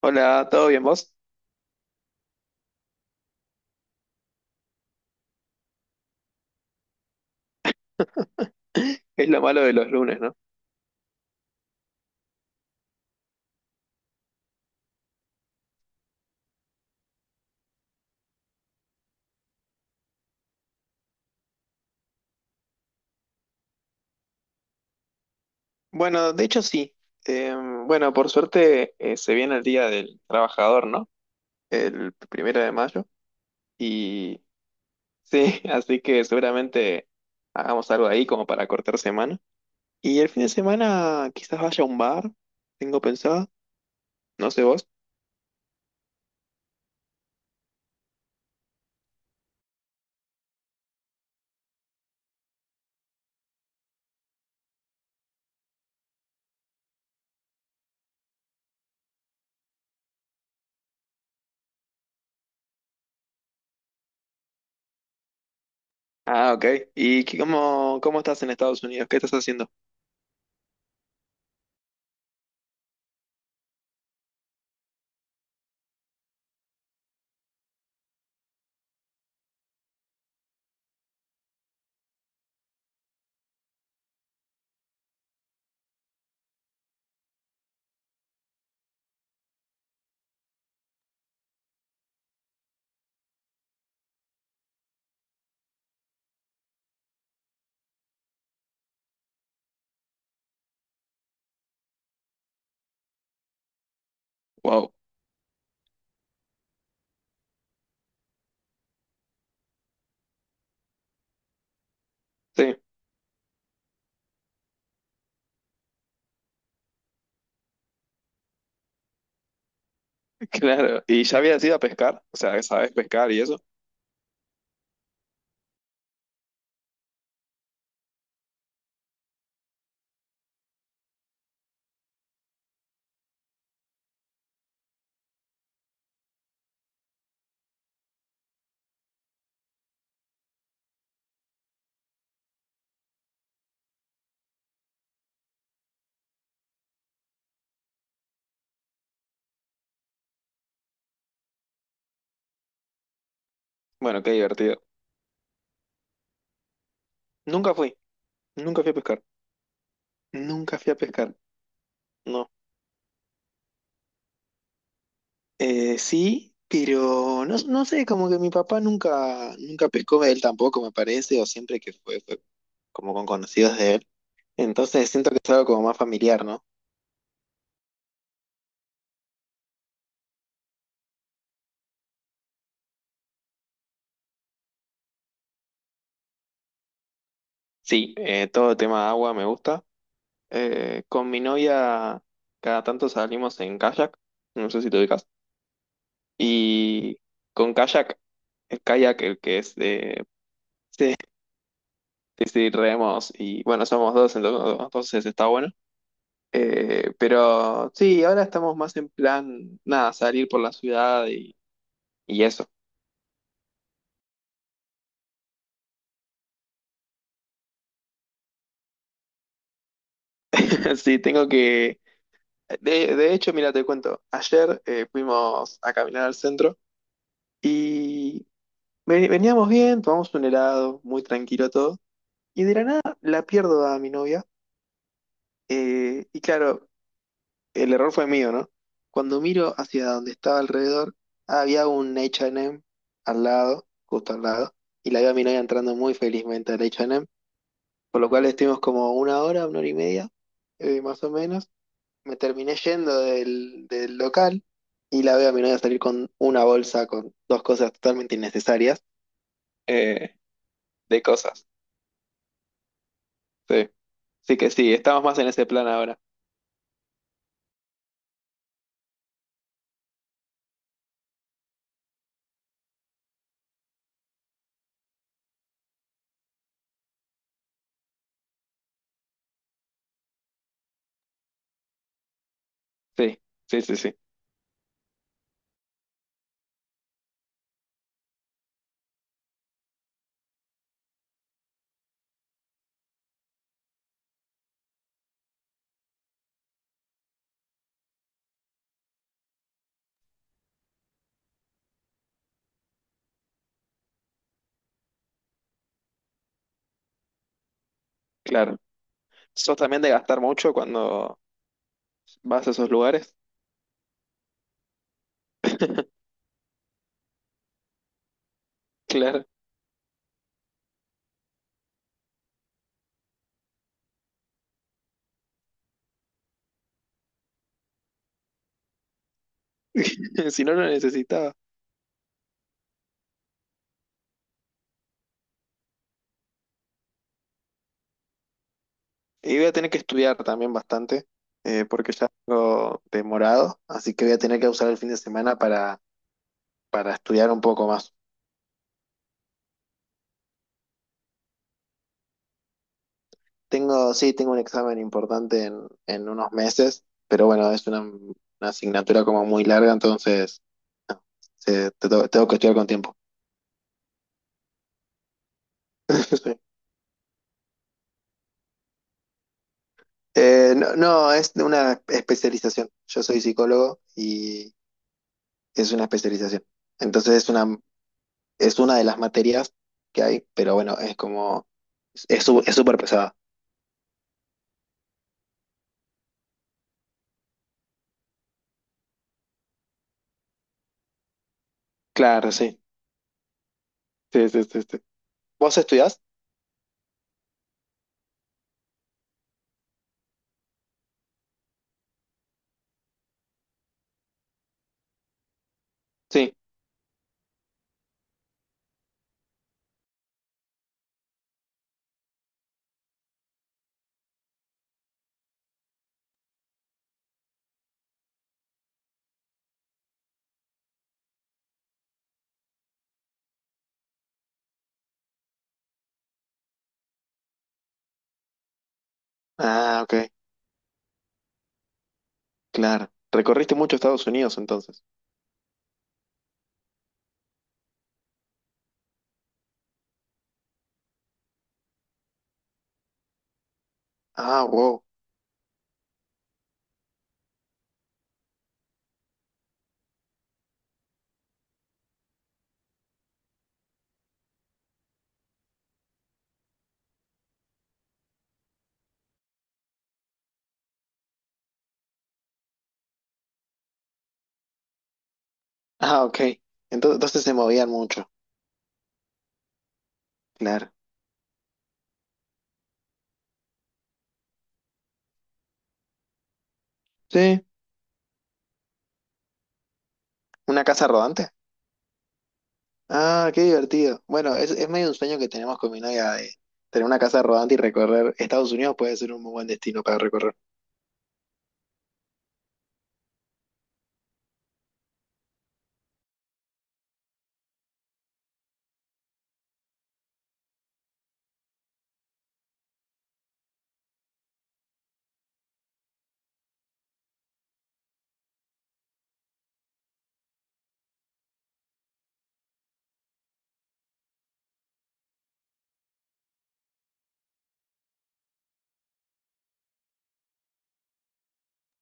Hola, ¿todo bien vos? Es lo malo de los lunes, ¿no? Bueno, de hecho sí. Eh, bueno, por suerte se viene el Día del Trabajador, ¿no? El primero de mayo. Y sí, así que seguramente hagamos algo ahí como para cortar semana. Y el fin de semana quizás vaya a un bar, tengo pensado, no sé vos. Ah, ok. ¿Cómo estás en Estados Unidos? ¿Qué estás haciendo? Wow. Sí, claro. ¿Y ya habías ido a pescar? O sea, ¿sabés pescar y eso? Bueno, qué divertido. Nunca fui. Nunca fui a pescar. Nunca fui a pescar. No. Sí, pero no, no sé, como que mi papá nunca pescó, él tampoco me parece, o siempre que fue como con conocidos de él. Entonces siento que es algo como más familiar, ¿no? Sí, todo el tema agua me gusta. Con mi novia cada tanto salimos en kayak, no sé si te ubicas. Y con kayak, el que es de... Sí, sí, sí, remos y bueno, somos dos, entonces está bueno. Pero sí, ahora estamos más en plan, nada, salir por la ciudad y eso. Sí, tengo que... De hecho, mira, te cuento, ayer fuimos a caminar al centro y veníamos bien, tomamos un helado, muy tranquilo todo, y de la nada la pierdo a mi novia. Y claro, el error fue mío, ¿no? Cuando miro hacia donde estaba alrededor, había un H&M al lado, justo al lado, y la veo a mi novia entrando muy felizmente al H&M. Por lo cual estuvimos como una hora y media, más o menos. Me terminé yendo del local y la veo a mi novia salir con una bolsa con dos cosas totalmente innecesarias eh, de cosas. Sí. Sí que sí, estamos más en ese plan ahora. Sí, sí, sí, sí, claro. ¿Sos también de gastar mucho cuando vas a esos lugares? Claro. Si no, lo necesitaba. Y voy a tener que estudiar también bastante, porque ya tengo demorado, así que voy a tener que usar el fin de semana para estudiar un poco más. Tengo, sí, tengo un examen importante en unos meses, pero bueno, es una asignatura como muy larga, entonces no, tengo, que estudiar con tiempo. Sí. No, es una especialización. Yo soy psicólogo y es una especialización. Entonces es es una de las materias que hay, pero bueno, es como, es súper pesada. Claro, sí. Sí, sí, sí, sí. ¿Vos estudiás? Sí. Ah, ok. Claro. Recorriste mucho Estados Unidos entonces. Ah, wow. Ah, ok. Entonces se movían mucho. Claro. Sí. ¿Una casa rodante? Ah, qué divertido. Bueno, es medio un sueño que tenemos con mi novia de tener una casa rodante y recorrer. Estados Unidos puede ser un muy buen destino para recorrer.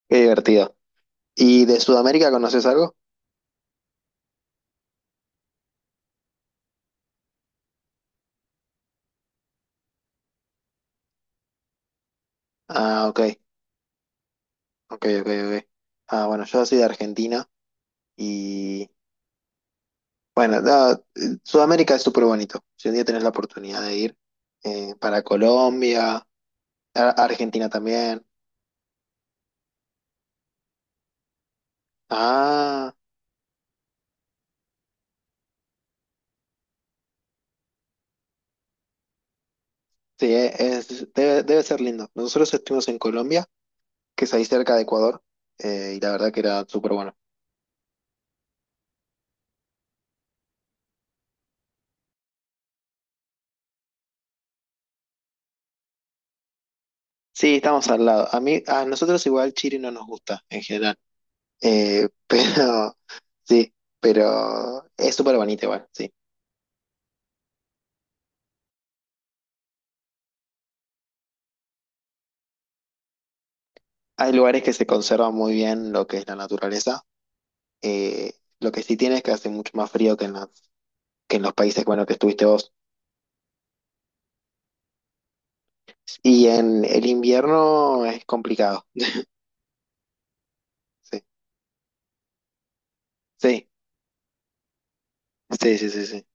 Qué divertido. ¿Y de Sudamérica conoces algo? Ah, ok. Ok, ok, ok. Ah, bueno, yo soy de Argentina y bueno, no, Sudamérica es súper bonito. Si un día tenés la oportunidad de ir para Colombia. A- Argentina también. Ah, sí, debe, debe ser lindo. Nosotros estuvimos en Colombia, que es ahí cerca de Ecuador, y la verdad que era súper bueno. Sí, estamos al lado. A mí, a nosotros igual Chile no nos gusta en general. Pero sí, pero es súper bonito igual, sí. Hay lugares que se conservan muy bien lo que es la naturaleza. Eh, lo que sí tiene es que hace mucho más frío que en que en los países, bueno, que estuviste vos. Y en el invierno es complicado. Sí. Sí, sí, sí, sí, sí.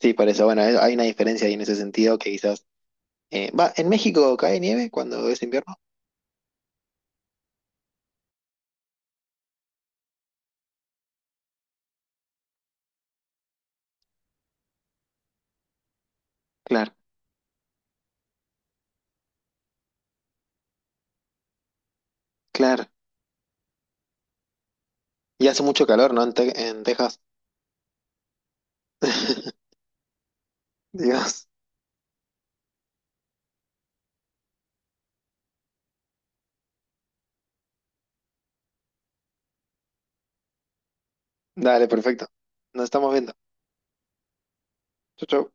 Sí, por eso, bueno, hay una diferencia ahí en ese sentido que quizás... ¿en México cae nieve cuando es invierno? Claro, claro. Y hace mucho calor, ¿no? En Texas. Dios. Dale, perfecto. Nos estamos viendo. Chau, chau.